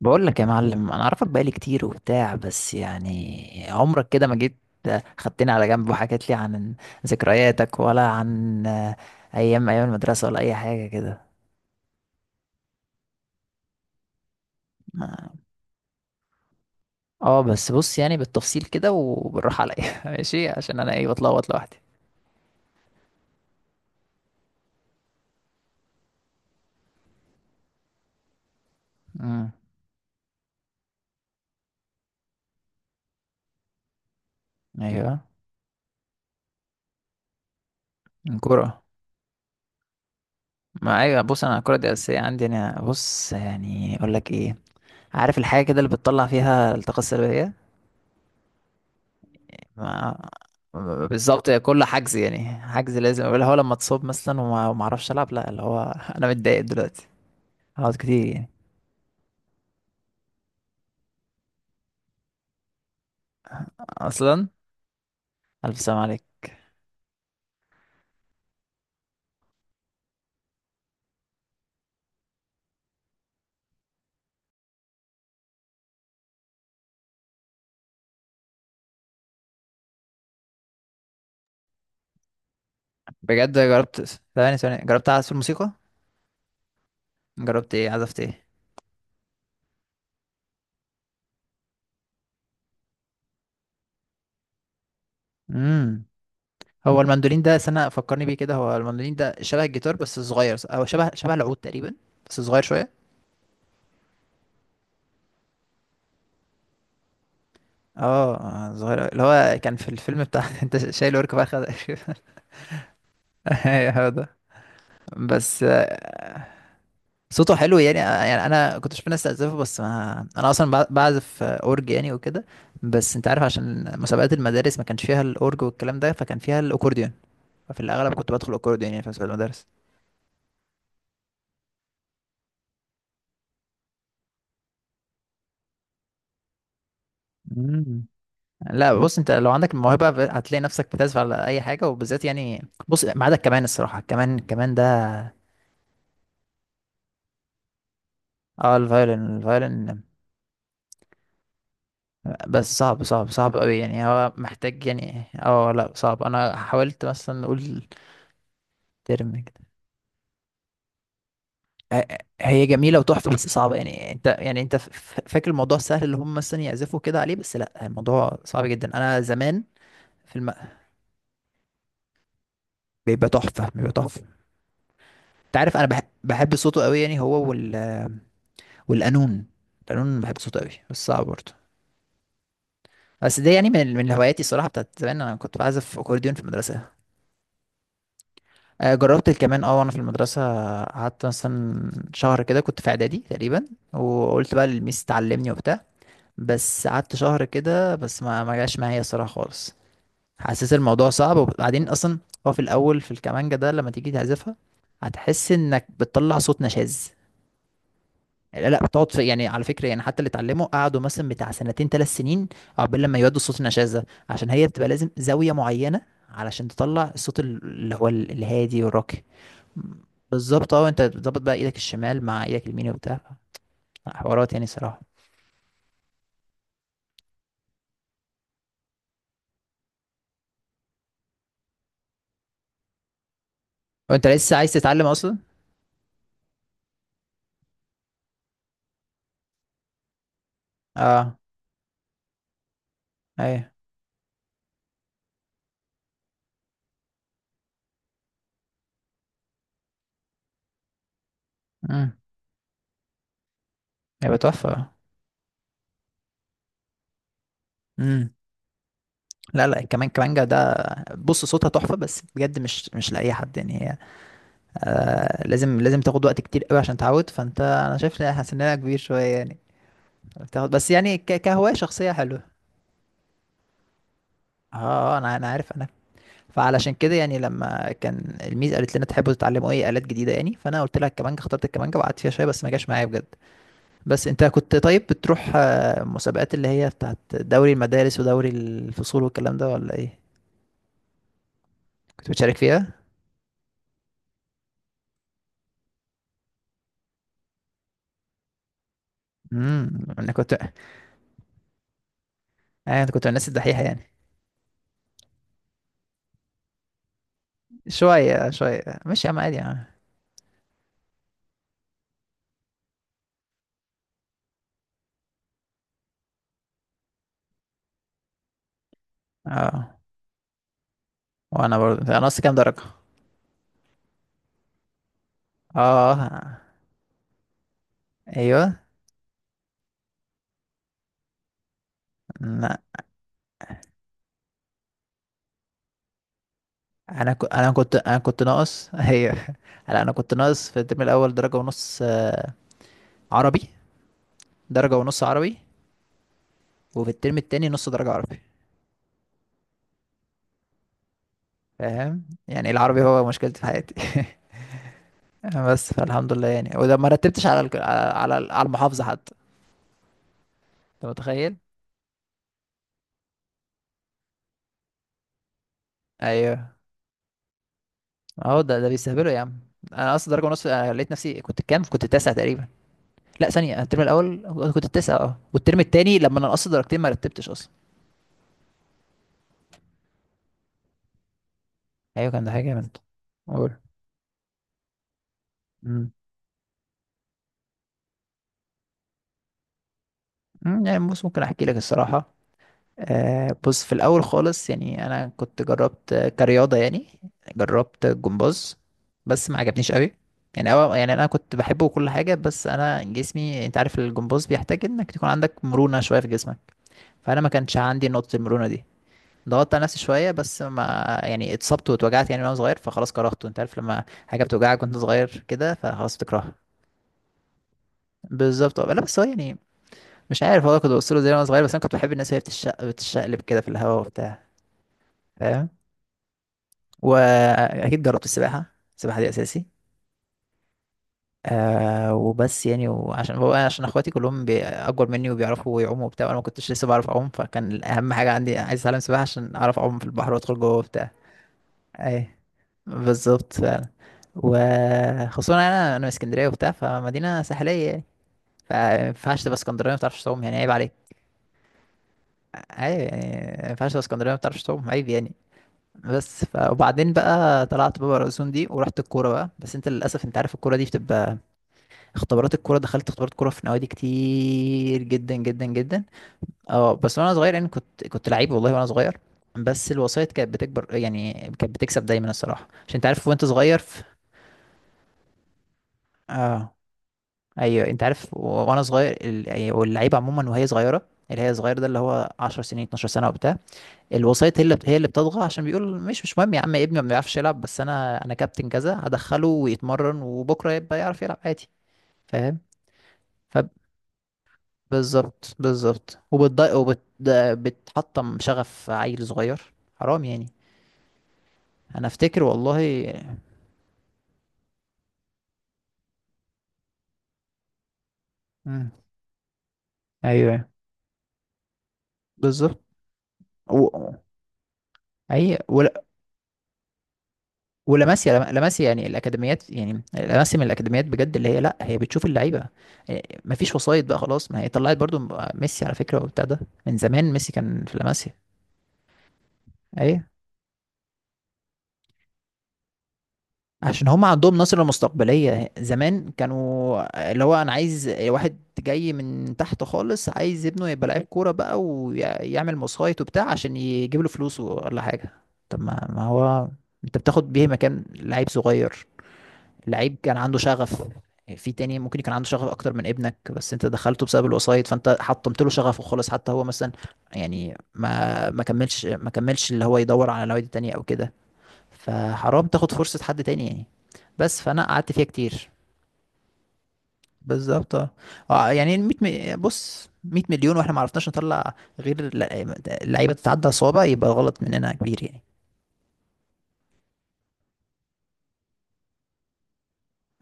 بقول لك يا معلم انا اعرفك بقالي كتير وبتاع، بس يعني عمرك كده ما جيت خدتني على جنب وحكيت لي عن ذكرياتك ولا عن ايام ايام المدرسة ولا اي حاجة كده. ما- اه بس بص، يعني بالتفصيل كده وبالراحة عليا ماشي، عشان انا ايه بتلخبط لوحدي. امم ايوه. الكرة. ما ايوه بص، انا الكرة دي اساسية عندي. انا بص يعني اقول لك ايه، عارف الحاجة كده اللي بتطلع فيها الطاقة السلبية. ما- بالظبط، كل حجز يعني حجز لازم، اللي هو لما اتصاب مثلا وما اعرفش العب، لا اللي هو انا متضايق دلوقتي هقعد كتير يعني. اصلا الف سلام عليك. بجد جربت؟ ثواني ثواني، جربت اعزف الموسيقى؟ جربت ايه، عزفت ايه؟ امم هو المندولين ده، سنة فكرني بيه كده، هو المندولين ده شبه الجيتار بس صغير، او شبه العود تقريبا، بس صغير شوية. اه، صغير أوي. اللي هو كان في الفيلم بتاع انت شايل ورك فرخة ده. ايوه هو ده. بس صوته حلو يعني، يعني انا كنت بشوف ناس تعزفه. بس ما انا اصلا بعزف اورج يعني وكده. بس انت عارف، عشان مسابقات المدارس ما كانش فيها الاورج والكلام ده، فكان فيها الاكورديون. ففي الاغلب كنت بدخل اكورديون يعني في مسابقات المدارس. مم. لا بص، انت لو عندك الموهبه هتلاقي نفسك بتعزف على اي حاجه، وبالذات يعني بص ما عدا الكمان. الصراحه الكمان ده، اه الفايولين الفايولين بس صعب، صعب قوي يعني. هو محتاج يعني، اه لا صعب، انا حاولت مثلا نقول. ترم. هي جميلة وتحفة بس صعبة يعني. انت يعني انت فاكر الموضوع سهل، اللي هم مثلا يعزفوا كده عليه، بس لا الموضوع صعب جدا. انا زمان في الم... بيبقى تحفة، بيبقى تحفة. انت عارف انا بحب، بحب صوته قوي يعني. هو وال والقانون. القانون بحب صوته قوي بس صعب برضه. بس ده يعني من هواياتي الصراحة بتاعت زمان. انا كنت بعزف اكورديون في المدرسة. جربت الكمان اه وانا في المدرسة، قعدت مثلا شهر كده، كنت في اعدادي تقريبا، وقلت بقى للميس تعلمني وبتاع. بس قعدت شهر كده بس ما جاش معايا الصراحه خالص. حاسس الموضوع صعب، وبعدين اصلا هو في الاول، في الكمانجه ده لما تيجي تعزفها، هتحس انك بتطلع صوت نشاز. لا لا، بتقعد في يعني، على فكره يعني، حتى اللي اتعلموا قعدوا مثلا بتاع سنتين ثلاث سنين عقبال لما يودوا الصوت النشاز ده، عشان هي بتبقى لازم زاويه معينه علشان تطلع الصوت اللي هو الهادي والراقي. بالظبط اه، انت بتظبط بقى ايدك الشمال مع ايدك اليمين وبتاع. حوارات يعني صراحه. وانت لسه عايز تتعلم اصلا؟ اه ايوه. هيبقى تحفة. امم لا لا، كمان كمانجا ده، بص صوتها تحفة بس بجد مش، مش لأي حد يعني. هي آه، لازم، لازم تاخد وقت كتير قوي عشان تعود، فانت انا شايف إن سننا كبير شوية يعني. بتاخد بس يعني كهواية شخصية حلوة. اه انا عارف انا. فعلشان كده يعني، لما كان الميز قالت لنا تحبوا تتعلموا ايه آلات جديدة يعني، فانا قلت لها الكمانجا، اخترت الكمانجا وقعدت فيها شوية بس ما جاش معايا بجد. بس انت كنت طيب بتروح مسابقات، اللي هي بتاعت دوري المدارس ودوري الفصول والكلام ده، ولا ايه؟ كنت بتشارك فيها؟ انا كنت انا كنت من الناس الدحيحه يعني. شويه شويه، مش يا عم عادي يعني. اه. وانا برضه انا ناقص كام درجه. اه ايوه. لا انا ك... انا كنت انا كنت ناقص ايوه. لا انا كنت ناقص في الترم الاول درجه ونص، عربي. درجه ونص عربي. وفي الترم التاني نص درجه عربي. فاهم يعني، العربي هو مشكلتي في حياتي. بس فالحمد لله يعني. وده ما رتبتش على على على المحافظه حتى. انت متخيل؟ ايوه. اهو ده، ده بيستهبلوا يا عم. انا اصلا درجه ونص، أنا لقيت نفسي كنت كام، كنت التاسع تقريبا. لا ثانيه، الترم الاول كنت التاسع. اه، والترم التاني لما انا نقصت درجتين ما رتبتش اصلا. ايوه، كان ده حاجه جامد. قول. امم يعني بص ممكن احكي لك الصراحه. آه بص في الاول خالص يعني، انا كنت جربت كرياضه يعني. جربت جمباز، بس ما عجبنيش قوي. يعني أو يعني انا كنت بحبه وكل حاجه، بس انا جسمي، انت عارف الجمباز بيحتاج انك تكون عندك مرونه شويه في جسمك، فانا ما كانش عندي نقطه المرونه دي. ضغطت على نفسي شويه بس ما يعني اتصبت واتوجعت يعني وانا صغير، فخلاص كرهته. انت عارف، لما حاجه بتوجعك وانت صغير كده، فخلاص بتكرهها. بالظبط اه. لا بس هو يعني مش عارف والله، كنت بوصله زي وانا صغير، بس انا كنت بحب الناس وهي بتشقلب كده في الهواء وبتاع. فاهم. واكيد جربت السباحه. السباحه دي اساسي. آه. وبس يعني، وعشان هو عشان اخواتي كلهم اكبر مني وبيعرفوا يعوموا وبتاع، وانا ما كنتش لسه بعرف اعوم، فكان اهم حاجه عندي عايز اتعلم سباحه عشان اعرف اعوم في البحر وادخل جوه وبتاع. اي بالظبط فعلا. وخصوصا انا، انا من اسكندريه وبتاع، فمدينه ساحليه يعني، فما ينفعش تبقى اسكندريه ما بتعرفش تعوم، يعني عيب عليك. عيب يعني، ما ينفعش تبقى اسكندريه ما بتعرفش تعوم، عيب يعني. وبعدين بقى طلعت بابا الأذن دي ورحت الكوره بقى. بس انت للاسف، انت عارف الكوره دي بتبقى اختبارات، الكوره دخلت اختبارات كوره في نوادي كتير جدا جدا جدا. اه بس وانا صغير يعني، كنت كنت لعيب والله وانا صغير. بس الوسائط كانت بتكبر يعني، كانت بتكسب دايما الصراحه، عشان انت عارف وانت صغير اه ايوه، انت عارف وانا صغير، يعني واللعيبه عموما وهي صغيره، اللي هي صغير ده اللي هو 10 سنين 12 سنه وبتاع، الوسيط هي اللي، اللي بتضغط، عشان بيقول مش، مهم يا عم ابني ما بيعرفش يلعب، بس انا كابتن كذا، هدخله ويتمرن وبكره يبقى يعرف يلعب عادي. فاهم. فبالظبط وبتضايق وبتحطم شغف عيل صغير، حرام يعني. انا افتكر والله. مم. ايوه بالظبط. و... اي. ولاماسيا، لاماسيا يعني الاكاديميات، يعني لاماسيا من الاكاديميات بجد، اللي هي لا هي بتشوف اللعيبه. إيه، مفيش وسايط بقى خلاص. ما هي طلعت برضو ميسي على فكره وبتاع ده، من زمان ميسي كان في لاماسيا. ايه، عشان هم عندهم نظره مستقبليه، زمان كانوا اللي هو انا عايز واحد جاي من تحت خالص، عايز ابنه يبقى لعيب كوره بقى ويعمل وسايط وبتاع عشان يجيب له فلوس ولا حاجه. طب ما، ما هو انت بتاخد بيه مكان لعيب صغير، لعيب كان عنده شغف يعني. في تاني ممكن يكون عنده شغف اكتر من ابنك، بس انت دخلته بسبب الوسايط، فانت حطمت له شغفه خالص. حتى هو مثلا يعني ما كملش، ما كملش، اللي هو يدور على نوادي تانية او كده. فحرام تاخد فرصة حد تاني يعني. بس فانا قعدت فيها كتير. بالظبط اه يعني بص 100 مليون واحنا ما عرفناش نطلع غير لعيبة تتعدى صوابع، يبقى غلط مننا كبير يعني.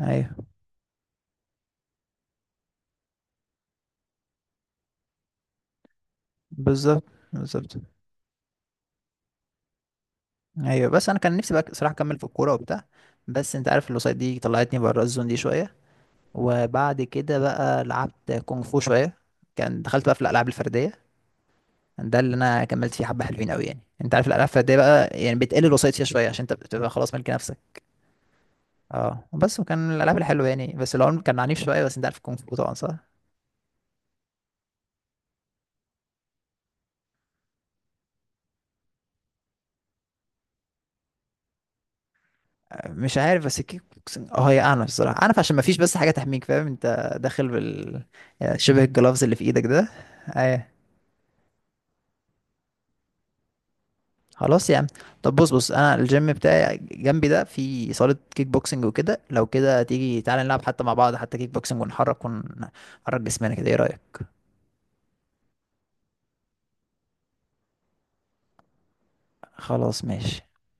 ايوه بالظبط بالظبط. ايوه بس انا كان نفسي بقى صراحه اكمل في الكوره وبتاع، بس انت عارف الوسائط دي طلعتني بره الزون دي شويه. وبعد كده بقى لعبت كونغ فو شويه، كان دخلت بقى في الالعاب الفرديه. ده اللي انا كملت فيه حبه، حلوين قوي يعني. انت عارف الالعاب الفرديه بقى، يعني بتقل الوسائط فيها شويه، عشان انت بتبقى خلاص ملك نفسك. اه بس، وكان الالعاب الحلوه يعني، بس العمر كان عنيف شويه. بس انت عارف الكونغ فو طبعا صح؟ مش عارف، بس الكيك بوكسنج اه هي عنف الصراحه، عنف عشان ما فيش بس حاجه تحميك، فاهم، انت داخل بال، يعني شبه الجلافز اللي في ايدك ده. خلاص يا عم. طب بص، بص انا الجيم بتاعي جنبي ده في صالة كيك بوكسنج وكده، لو كده تيجي تعالى نلعب حتى مع بعض، حتى كيك بوكسنج ونحرك، ونحرك جسمنا كده، ايه رأيك؟ خلاص ماشي.